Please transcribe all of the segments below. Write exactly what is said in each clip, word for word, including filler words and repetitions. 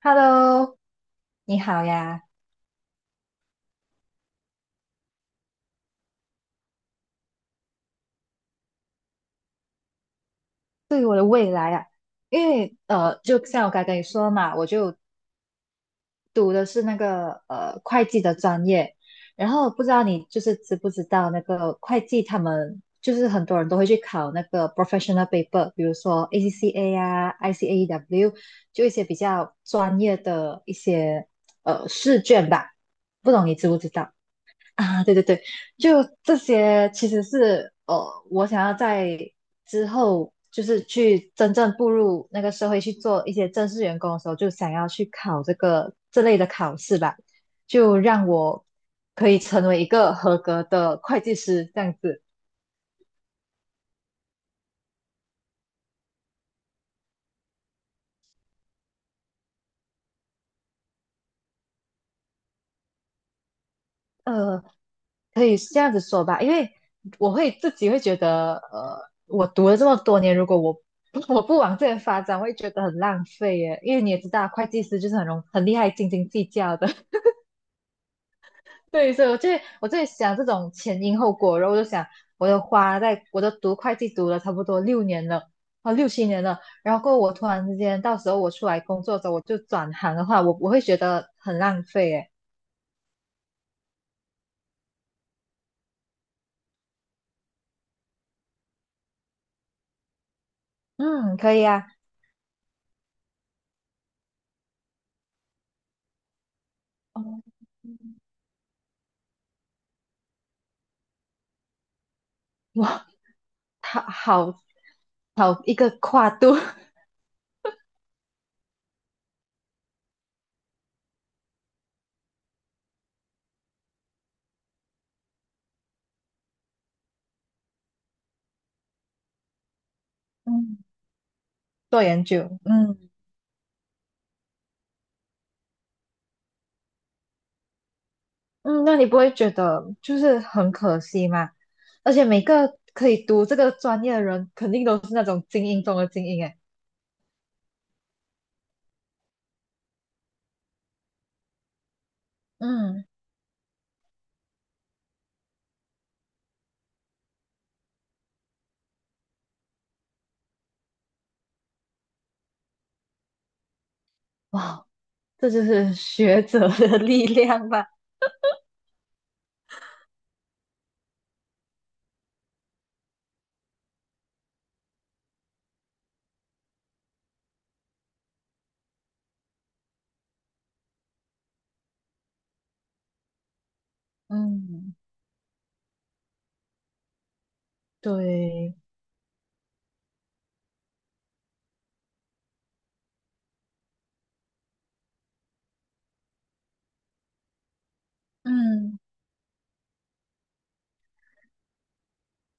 Hello，你好呀。对于我的未来啊，因为呃，就像我刚才跟你说的嘛，我就读的是那个呃会计的专业，然后不知道你就是知不知道那个会计他们就是很多人都会去考那个 professional paper，比如说 A C C A 啊、I C A E W，就一些比较专业的一些呃试卷吧，不懂你知不知道？啊，对对对，就这些其实是呃，我想要在之后就是去真正步入那个社会去做一些正式员工的时候，就想要去考这个这类的考试吧，就让我可以成为一个合格的会计师这样子。呃，可以这样子说吧，因为我会自己会觉得，呃，我读了这么多年，如果我 我不往这边发展，我会觉得很浪费耶。因为你也知道，会计师就是很容很厉害，斤斤计较的。对，所以我就我就在想这种前因后果，然后我就想，我的花在我都读会计读了差不多六年了，啊六七年了，然后过后我突然之间，到时候我出来工作的时候，我就转行的话，我我会觉得很浪费诶。嗯，可以啊，哦哇，好好好一个跨度 嗯做研究，嗯，嗯，那你不会觉得就是很可惜吗？而且每个可以读这个专业的人，肯定都是那种精英中的精英诶。嗯哇，这就是学者的 力量吧？嗯，对，嗯。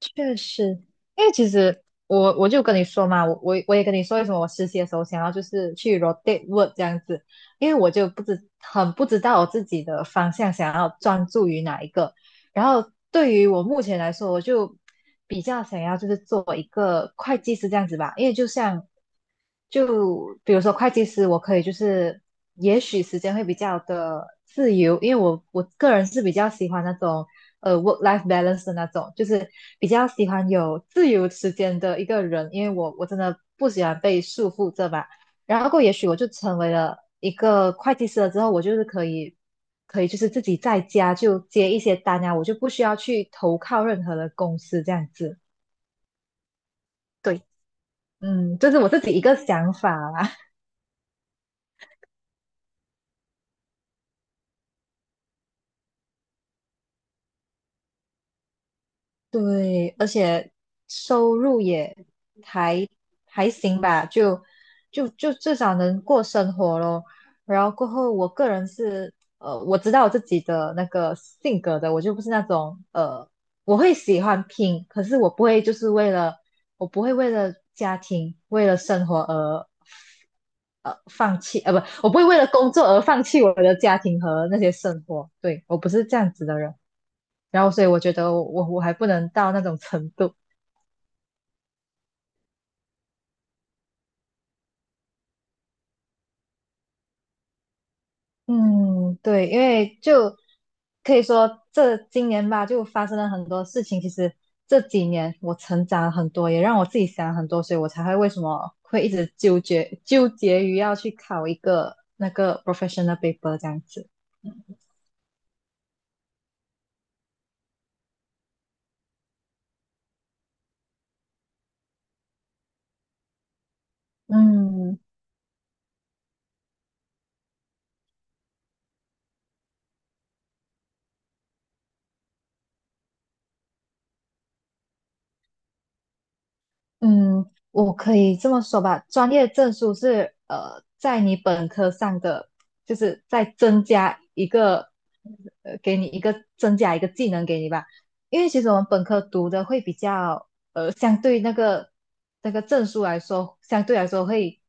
确实，因为其实我我就跟你说嘛，我我我也跟你说，为什么我实习的时候想要就是去 rotate work 这样子，因为我就不知很不知道我自己的方向想要专注于哪一个。然后对于我目前来说，我就比较想要就是做一个会计师这样子吧，因为就像就比如说会计师，我可以就是也许时间会比较的自由，因为我我个人是比较喜欢那种。呃 work life balance 的那种，就是比较喜欢有自由时间的一个人，因为我我真的不喜欢被束缚着吧。然后过也许我就成为了一个会计师了之后，我就是可以可以就是自己在家就接一些单啊，我就不需要去投靠任何的公司这样子。对，嗯，这是我自己一个想法啦。对，而且收入也还还行吧，就就就至少能过生活咯。然后过后，我个人是呃，我知道我自己的那个性格的，我就不是那种呃，我会喜欢拼，可是我不会就是为了我不会为了家庭、为了生活而呃放弃，呃不，我不会为了工作而放弃我的家庭和那些生活。对，我不是这样子的人。然后所以我觉得我我还不能到那种程度。嗯，对，因为就可以说这今年吧，就发生了很多事情。其实这几年我成长了很多，也让我自己想了很多，所以我才会为什么会一直纠结纠结于要去考一个那个 professional paper 这样子。嗯。嗯，我可以这么说吧，专业证书是呃，在你本科上的，就是再增加一个，呃，给你一个增加一个技能给你吧。因为其实我们本科读的会比较，呃，相对那个那个证书来说，相对来说会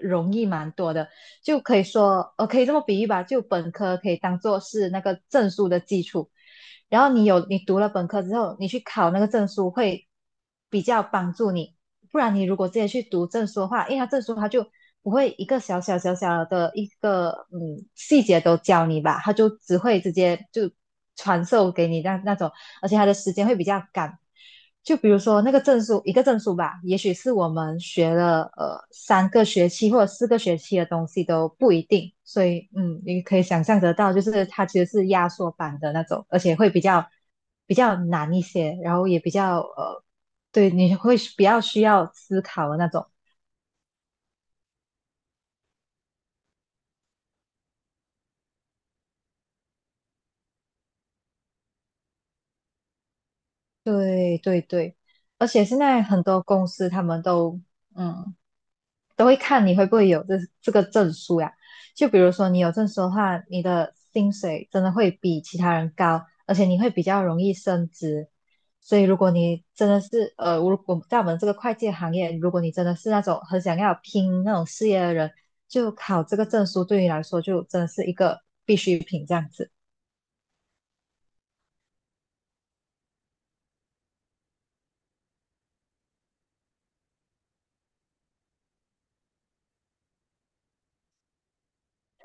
容易蛮多的，就可以说，呃，可以这么比喻吧，就本科可以当做是那个证书的基础。然后你有你读了本科之后，你去考那个证书会比较帮助你。不然你如果直接去读证书的话，因为他证书他就不会一个小小小小的一个嗯细节都教你吧，他就只会直接就传授给你那那种，而且他的时间会比较赶。就比如说那个证书，一个证书吧，也许是我们学了呃三个学期或者四个学期的东西都不一定，所以嗯，你可以想象得到，就是它其实是压缩版的那种，而且会比较呃比较难一些，然后也比较呃对，你会是比较需要思考的那种。对对对，而且现在很多公司他们都嗯都会看你会不会有这这个证书呀。就比如说你有证书的话，你的薪水真的会比其他人高，而且你会比较容易升职。所以如果你真的是呃，如果在我们这个会计行业，如果你真的是那种很想要拼那种事业的人，就考这个证书对你来说就真的是一个必需品这样子。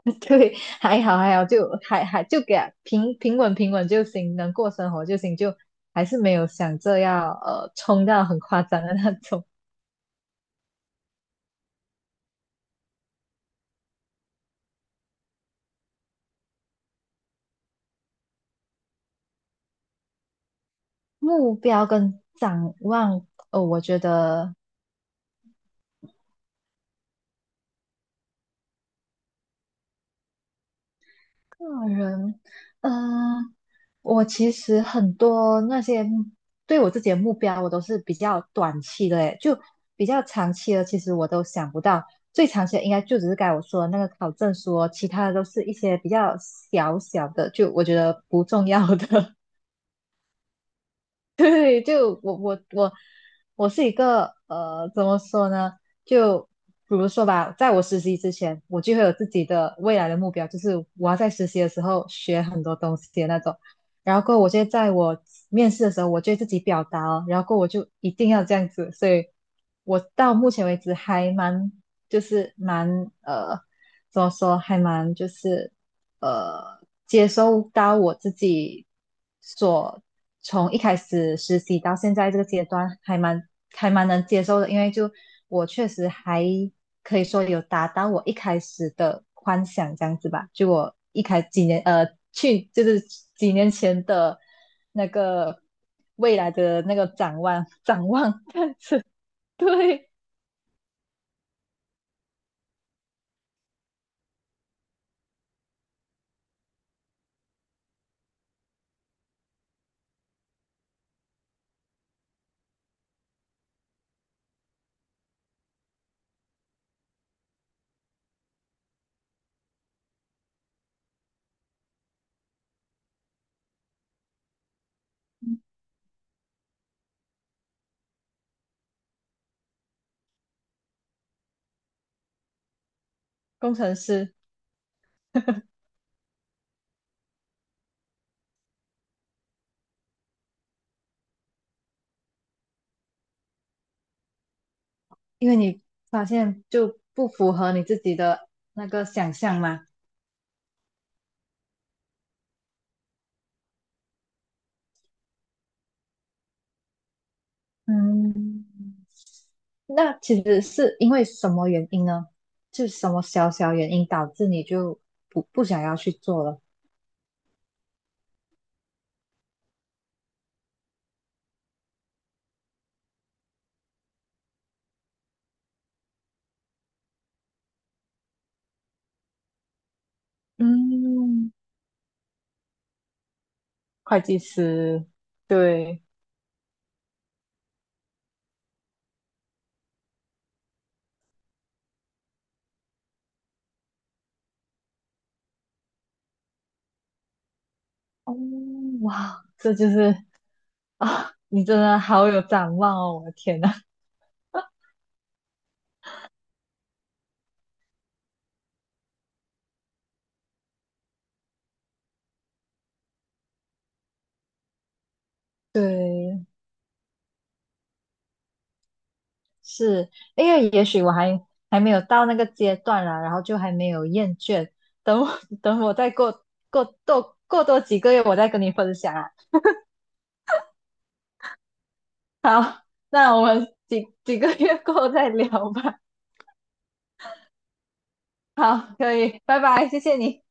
对，还好还好，就还还就给它平平稳平稳就行，能过生活就行，就还是没有想着要呃冲到很夸张的那种目标跟展望。哦，我觉得个人，嗯、我其实很多那些对我自己的目标，我都是比较短期的，诶，就比较长期的，其实我都想不到。最长期的应该就只是该我说的那个考证书哦，其他的都是一些比较小小的，就我觉得不重要的。对，就我我我我是一个呃，怎么说呢？就比如说吧，在我实习之前，我就会有自己的未来的目标，就是我要在实习的时候学很多东西的那种。然后过后我就在我面试的时候，我就会自己表达哦，然后过后我就一定要这样子。所以，我到目前为止还蛮，就是蛮呃，怎么说，还蛮就是呃，接收到我自己。所从一开始实习到现在这个阶段，还蛮还蛮能接受的，因为就我确实还可以说有达到我一开始的幻想这样子吧。就我一开几年呃去就是几年前的那个未来的那个展望展望这样子，对，工程师，因为你发现就不符合你自己的那个想象嘛，嗯。那其实是因为什么原因呢？是什么小小原因导致你就不不想要去做了？嗯，会计师，对，哦，哇，这就是啊，你真的好有展望哦，我的天呐，对，是因为也许我还还没有到那个阶段啦，然后就还没有厌倦，等我 等我再过过多过多几个月，我再跟你分享啊。好，那我们几几个月过后再聊吧。好，可以，拜拜，谢谢你。